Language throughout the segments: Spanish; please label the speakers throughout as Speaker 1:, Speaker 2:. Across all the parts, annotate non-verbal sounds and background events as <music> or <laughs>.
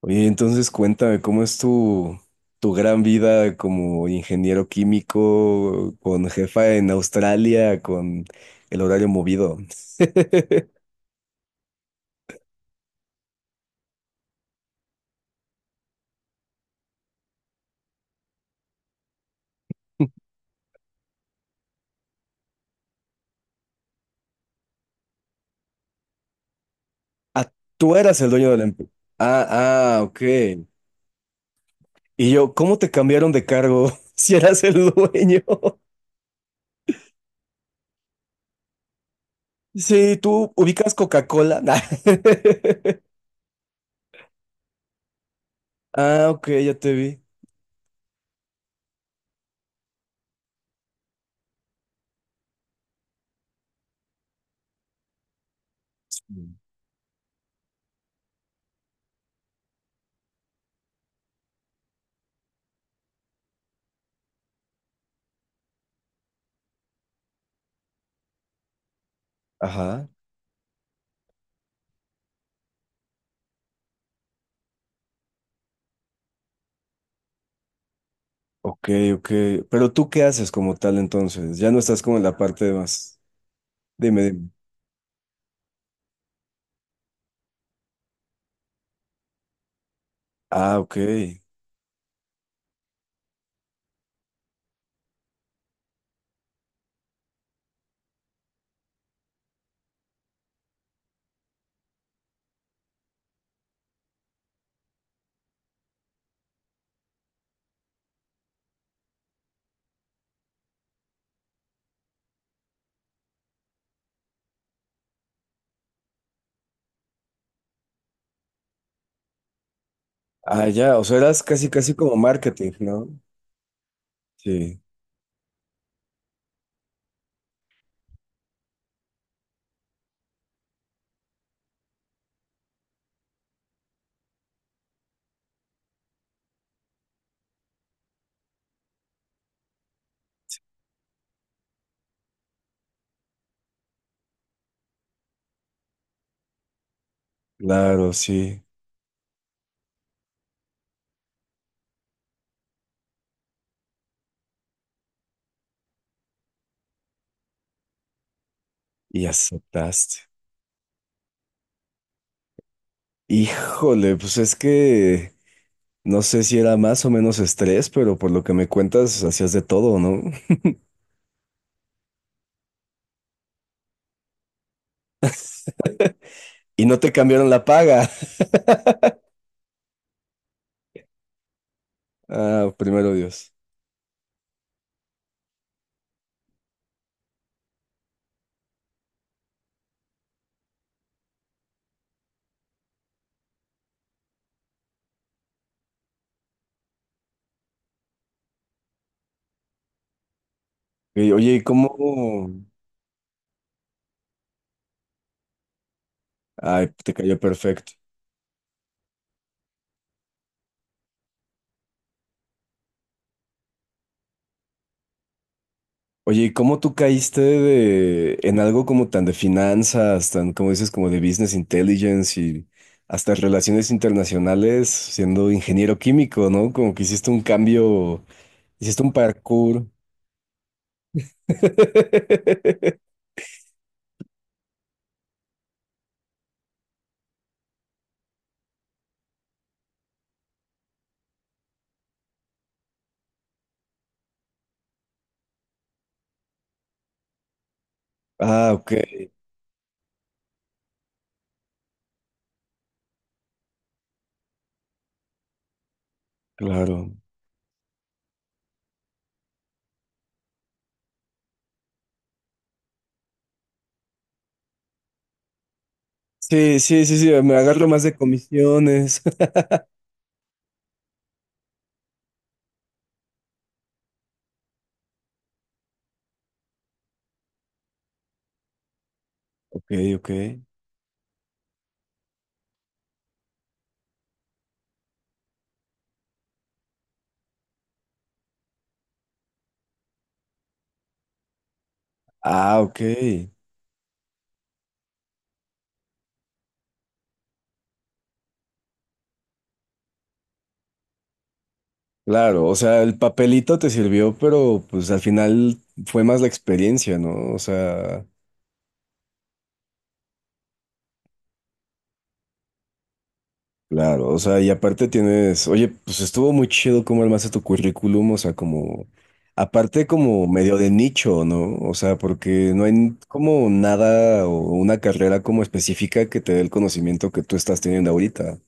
Speaker 1: Oye, entonces cuéntame, ¿cómo es tu gran vida como ingeniero químico, con jefa en Australia, con el horario movido? <laughs> Ah, tú eras el dueño de la empresa. Ah, ah, ok. Y yo, ¿cómo te cambiaron de cargo <laughs> si eras el dueño? <laughs> Sí, tú ubicas Coca-Cola. <laughs> Nah. Ah, ok, ya te vi. Sí. Ajá, ok, ok. ¿Pero tú qué haces como tal entonces? Ya no estás como en la parte de más. Dime, dime. Ah, ok. Ah, ya, o sea, eras casi, casi como marketing, ¿no? Sí, claro, sí. Y aceptaste. Híjole, pues es que no sé si era más o menos estrés, pero por lo que me cuentas, hacías de todo, ¿no? Y no te cambiaron la paga. <laughs> Ah, primero Dios. Y, oye, ¿y cómo? Ay, te cayó perfecto. Oye, ¿y cómo tú caíste de, en algo como tan de finanzas, tan como dices, como de business intelligence y hasta relaciones internacionales, siendo ingeniero químico, ¿no? Como que hiciste un cambio, hiciste un parkour. <laughs> Ah, ok, claro. Sí, me agarro más de comisiones. <laughs> Ok, ok. Ah, ok. Claro, o sea, el papelito te sirvió, pero pues al final fue más la experiencia, ¿no? O sea... Claro, o sea, y aparte tienes, oye, pues estuvo muy chido cómo armaste tu currículum, o sea, como, aparte como medio de nicho, ¿no? O sea, porque no hay como nada o una carrera como específica que te dé el conocimiento que tú estás teniendo ahorita.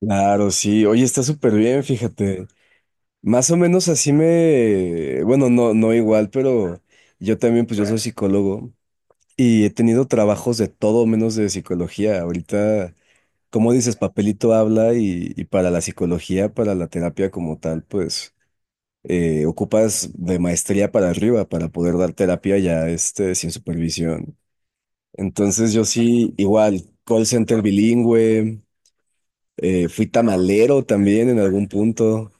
Speaker 1: Claro, sí, oye, está súper bien, fíjate. Más o menos así me, bueno, no, no igual, pero yo también, pues yo soy psicólogo y he tenido trabajos de todo menos de psicología. Ahorita... Como dices, papelito habla y para la psicología, para la terapia como tal, pues ocupas de maestría para arriba para poder dar terapia ya este, sin supervisión. Entonces yo sí, igual, call center bilingüe, fui tamalero también en algún punto,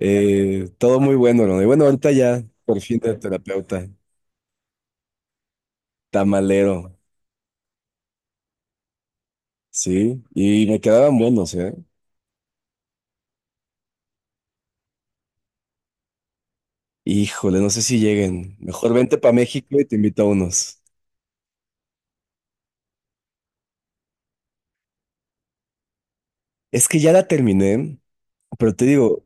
Speaker 1: todo muy bueno, ¿no? Y bueno, ahorita ya, por fin de terapeuta, tamalero, ¿sí? Y me quedaban buenos, ¿eh? Híjole, no sé si lleguen. Mejor vente para México y te invito a unos. Es que ya la terminé, pero te digo,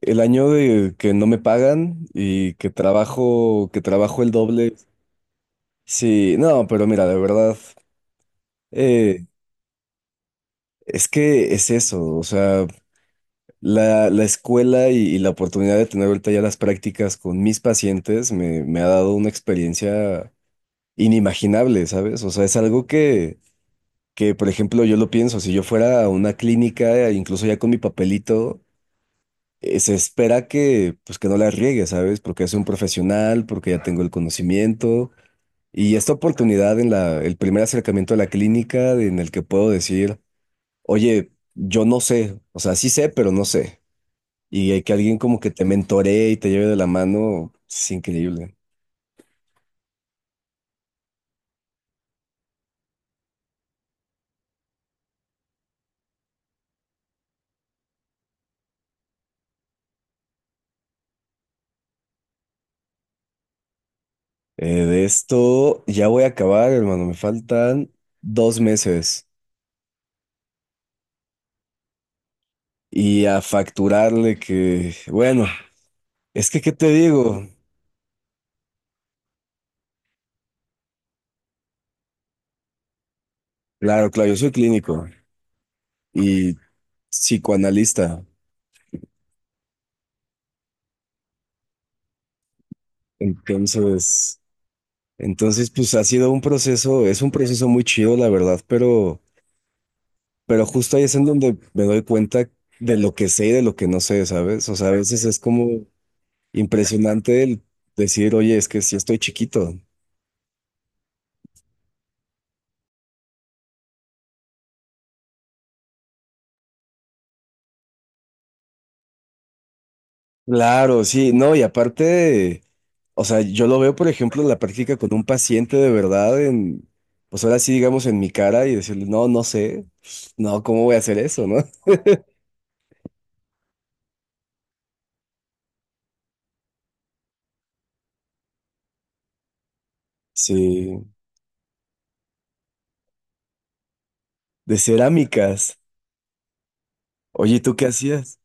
Speaker 1: el año de que no me pagan y que trabajo el doble. Sí, no, pero mira, de verdad, eh, es que es eso, o sea, la escuela y la oportunidad de tener ahorita ya las prácticas con mis pacientes me, me ha dado una experiencia inimaginable, ¿sabes? O sea, es algo que, por ejemplo, yo lo pienso, si yo fuera a una clínica, incluso ya con mi papelito. Se espera que, pues, que no la riegue, ¿sabes? Porque es un profesional, porque ya tengo el conocimiento. Y esta oportunidad en la, el primer acercamiento a la clínica en el que puedo decir, oye, yo no sé, o sea, sí sé, pero no sé. Y hay que alguien como que te mentoree y te lleve de la mano, es increíble. De esto ya voy a acabar, hermano, me faltan 2 meses. Y a facturarle que, bueno, es que, ¿qué te digo? Claro, claro, yo soy clínico. Y psicoanalista. Entonces, entonces, pues ha sido un proceso, es un proceso muy chido, la verdad, pero justo ahí es en donde me doy cuenta de lo que sé y de lo que no sé, ¿sabes? O sea, a veces es como impresionante el decir, oye, es que sí estoy chiquito. Claro, sí, no, y aparte, o sea, yo lo veo, por ejemplo, en la práctica con un paciente de verdad, en, pues ahora sí, digamos, en mi cara y decirle, no, no sé, no, ¿cómo voy a hacer eso, no? <laughs> Sí, de cerámicas. Oye, ¿y tú qué hacías?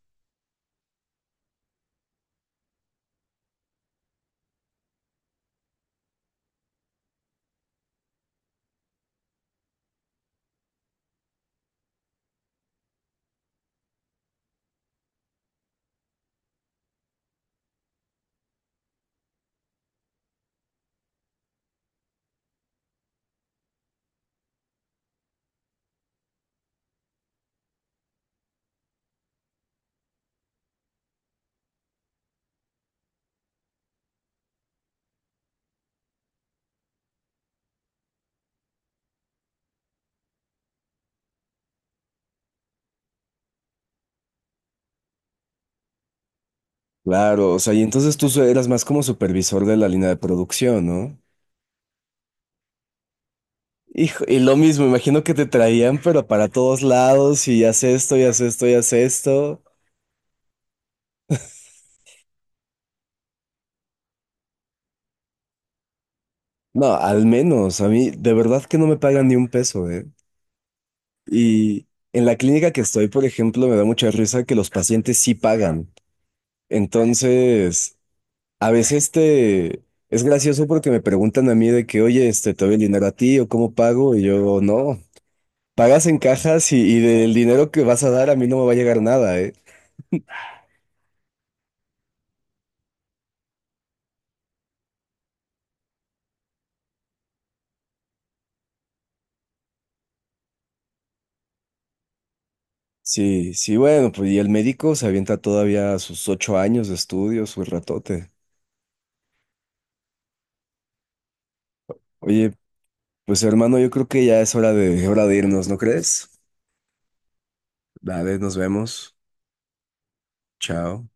Speaker 1: Claro, o sea, y entonces tú so- eras más como supervisor de la línea de producción, ¿no? Hijo, y lo mismo, imagino que te traían, pero para todos lados, y haz esto, y haz esto, y haz esto. No, al menos, a mí, de verdad que no me pagan ni un peso, ¿eh? Y en la clínica que estoy, por ejemplo, me da mucha risa que los pacientes sí pagan. Entonces, a veces te... Es gracioso porque me preguntan a mí de que, oye, este, ¿te doy el dinero a ti o cómo pago? Y yo, no. Pagas en cajas y del dinero que vas a dar a mí no me va a llegar nada, ¿eh? Sí, sí, bueno, pues y el médico se avienta todavía sus 8 años de estudio, su ratote. Oye, pues hermano, yo creo que ya es hora de irnos, ¿no crees? Vale, nos vemos. Chao.